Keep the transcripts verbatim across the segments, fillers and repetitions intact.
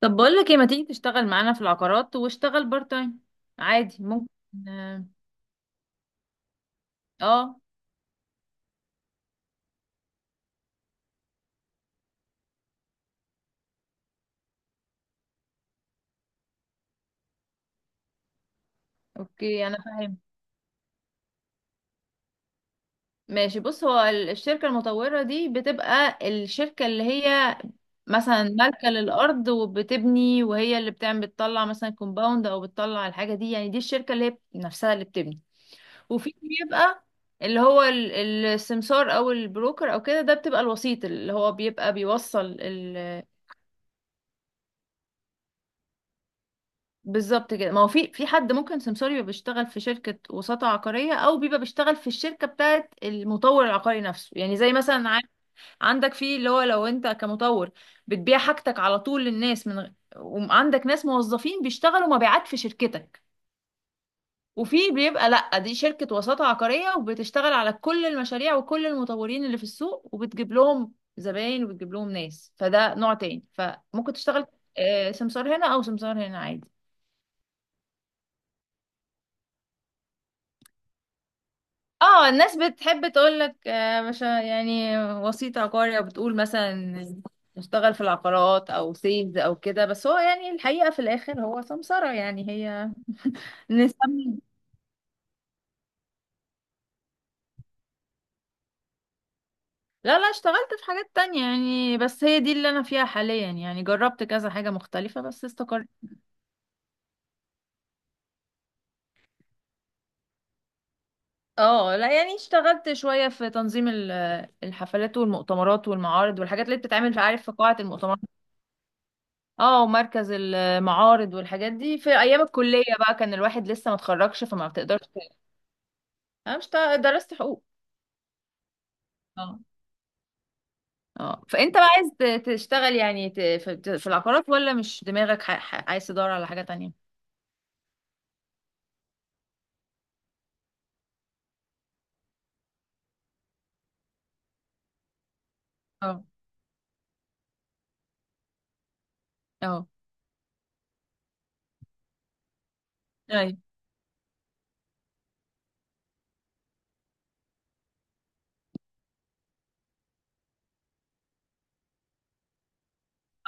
طب، بقول لك ايه، ما تيجي تشتغل معانا في العقارات واشتغل بارت تايم؟ عادي، ممكن. اه. آه، اوكي، انا فاهم. ماشي، بص هو ال- الشركة المطورة دي بتبقى الشركة اللي هي مثلا مالكة للأرض وبتبني، وهي اللي بتعمل بتطلع مثلا كومباوند أو بتطلع الحاجة دي، يعني دي الشركة اللي هي نفسها اللي بتبني. وفي بيبقى اللي هو ال- السمسار أو البروكر أو كده، ده بتبقى الوسيط اللي هو بيبقى بيوصل. بالظبط كده، ما هو في في حد ممكن سمسار يبقى بيشتغل في شركة وساطة عقارية، أو بيبقى بيشتغل في الشركة بتاعت المطور العقاري نفسه، يعني زي مثلا ع- عندك، في اللي هو لو أنت كمطور بتبيع حاجتك على طول للناس من غ- وعندك ناس موظفين بيشتغلوا مبيعات في شركتك. وفي بيبقى لأ، دي شركة وساطة عقارية وبتشتغل على كل المشاريع وكل المطورين اللي في السوق، وبتجيب لهم زباين وبتجيب لهم ناس، فده نوع تاني، فممكن تشتغل آه، سمسار هنا أو سمسار هنا، عادي. اه، الناس بتحب تقولك آه، مش يعني وسيط عقاري، او بتقول مثلا اشتغل في العقارات او سيلز او كده، بس هو يعني الحقيقة في الاخر هو سمسرة، يعني هي نسمي... لا، لا، اشتغلت في حاجات تانية يعني، بس هي دي اللي انا فيها حاليا، يعني جربت كذا حاجة مختلفة بس استقرت. اه، لا يعني اشتغلت شوية في تنظيم ال- الحفلات والمؤتمرات والمعارض والحاجات اللي بتتعمل في، عارف، في قاعة المؤتمرات. اه، ومركز المعارض والحاجات دي في ايام الكليه بقى، كان الواحد لسه ما اتخرجش فما بتقدرش. انا مش تع- درست حقوق. اه. اه، فانت بقى عايز ت- تشتغل يعني، ت- في ت- في العقارات، ولا مش دماغك، ح- ح- عايز تدور على حاجه تانية؟ اه. اه. ايوه.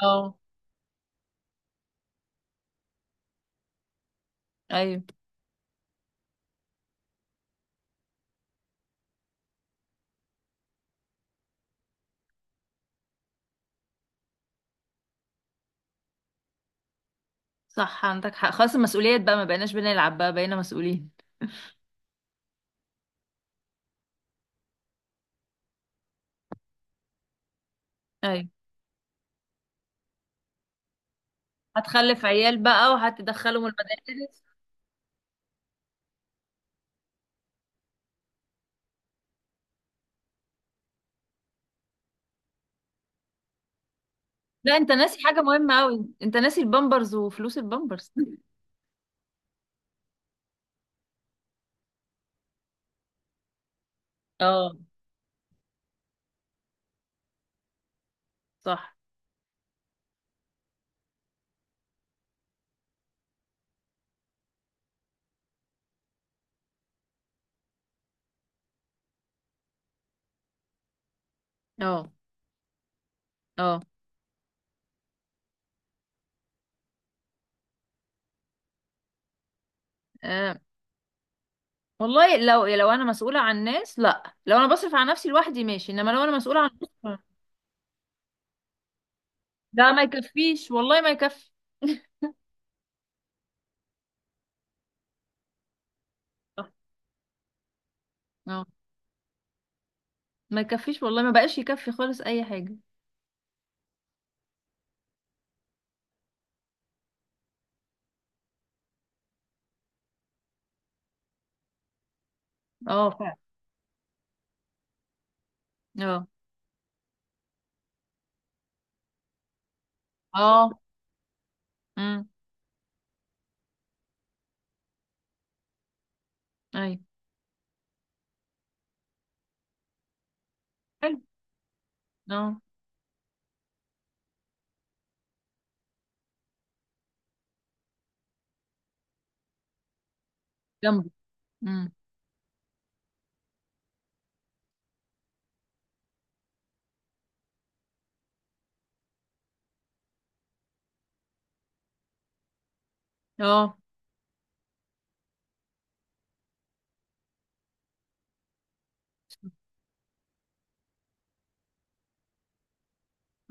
اه. ايوه. صح، عندك حق. خلاص المسؤوليات بقى، ما بقيناش بنلعب بقى، بقينا مسؤولين. ايوه. هتخلف عيال بقى وهتدخلهم المدارس. لا انت ناسي حاجه مهمه قوي، انت ناسي البامبرز وفلوس البامبرز. اه. صح. اه. اه. آه والله، لو لو انا مسؤولة عن ناس لا، لو انا بصرف على نفسي لوحدي ماشي، انما لو انا مسؤولة عن ناس... ده ما يكفيش والله، ما يكفي. صح. اه، ما يكفيش والله، ما بقاش يكفي خالص اي حاجة. اه فعلا. اه. اه. امم ايوه، حلو. اه جنبه. امم اه.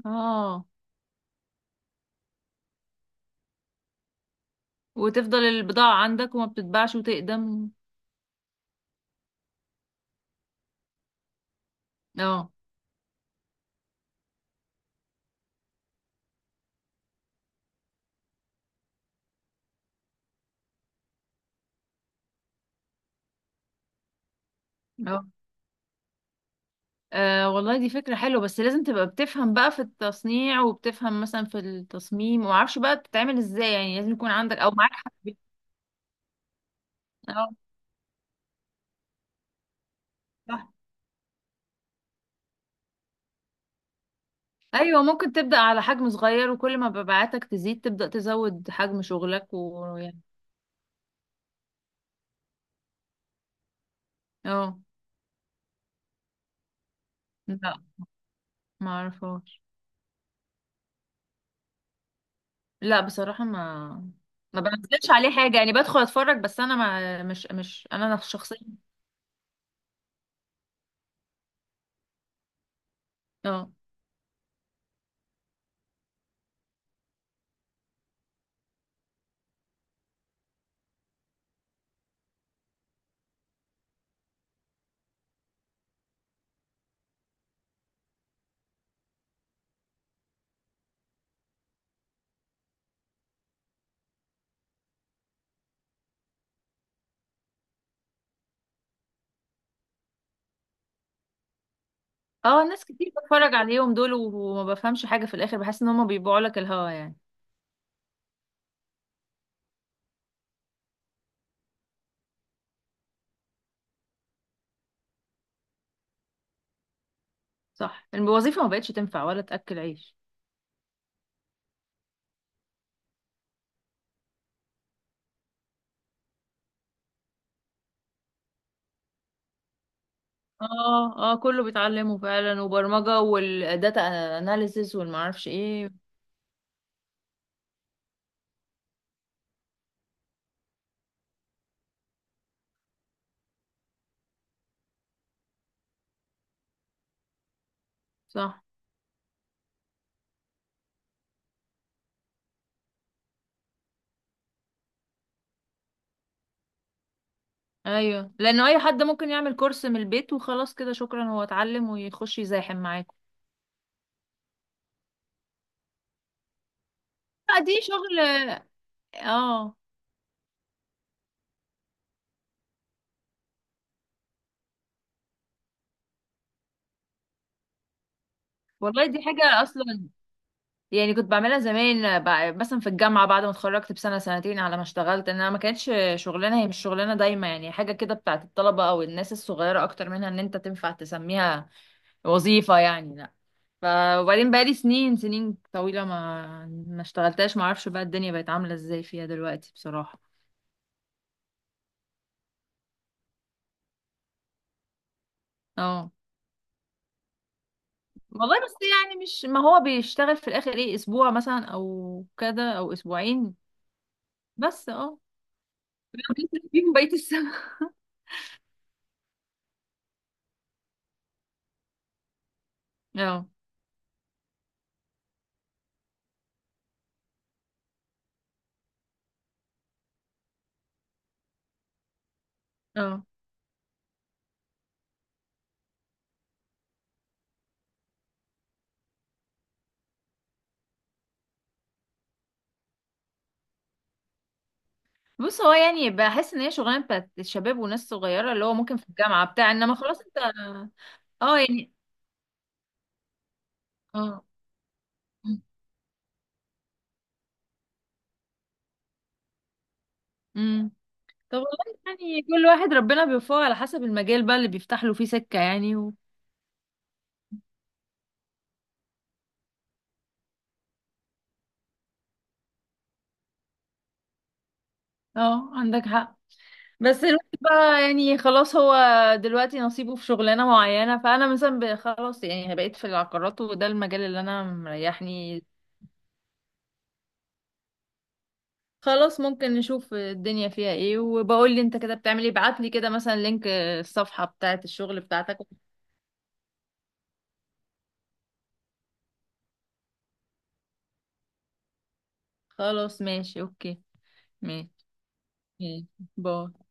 اه، وتفضل البضاعة عندك وما بتتباعش وتقدم. اه. اه. آه والله دي فكرة حلوة، بس لازم تبقى بتفهم بقى في التصنيع، وبتفهم مثلا في التصميم، ومعرفش بقى بتتعمل ازاي يعني، لازم يكون عندك او معاك حد. اه. صح. ايوه، ممكن تبدأ على حجم صغير، وكل ما مبيعاتك تزيد تبدأ تزود حجم شغلك، ويعني... اه. لا، ما اعرفهاش. لا بصراحة، ما ما بنزلش عليه حاجة يعني، بدخل اتفرج بس، انا ما مش مش انا شخصيا. اه. اه، ناس كتير بتفرج عليهم دول وما بفهمش حاجة، في الاخر بحس ان هم بيبيعوا لك الهوا يعني. صح، الوظيفة ما بقتش تنفع ولا تأكل عيش. اه. اه، كله بيتعلمه فعلا، وبرمجة والداتا اناليسيس والمعرفش ايه. صح. ايوه، لانه اي حد ممكن يعمل كورس من البيت وخلاص كده شكرا، هو اتعلم ويخش يزاحم معاكم. لا، دي شغل. اه، والله دي حاجة اصلا، يعني كنت بعملها زمان بع- مثلا في الجامعة، بعد ما اتخرجت بسنة سنتين على ما اشتغلت، انها ما كانتش شغلانة، هي مش شغلانة دايما يعني، حاجة كده بتاعت الطلبة او الناس الصغيرة اكتر منها، ان انت تنفع تسميها وظيفة يعني، لا. ف... وبعدين بقالي سنين سنين طويلة ما ما اشتغلتهاش، ما اعرفش بقى الدنيا بقت عاملة ازاي فيها دلوقتي بصراحة. اه والله، بس يعني مش، ما هو بيشتغل في الاخر ايه، اسبوع مثلا او كده او اسبوعين. بس اه، بيصرف فيهم بقية السنة. اه. اه، بص هو يعني بحس ان هي شغلانة بتاعت الشباب وناس صغيرة، اللي هو ممكن في الجامعة بتاع، انما خلاص انت... اه يعني. اه. طب والله يعني، كل واحد ربنا بيوفقه على حسب المجال بقى اللي بيفتح له فيه سكة، يعني و... اه عندك حق. بس الواحد بقى يعني، خلاص هو دلوقتي نصيبه في شغلانة معينة، فأنا مثلا ب- خلاص يعني، بقيت في العقارات وده المجال اللي أنا مريحني. خلاص، ممكن نشوف الدنيا فيها ايه، وبقول لي انت كده بتعمل ايه، ابعت لي كده مثلا لينك الصفحة بتاعت الشغل بتاعتك. خلاص ماشي اوكي. ماشي. ماشي. باي.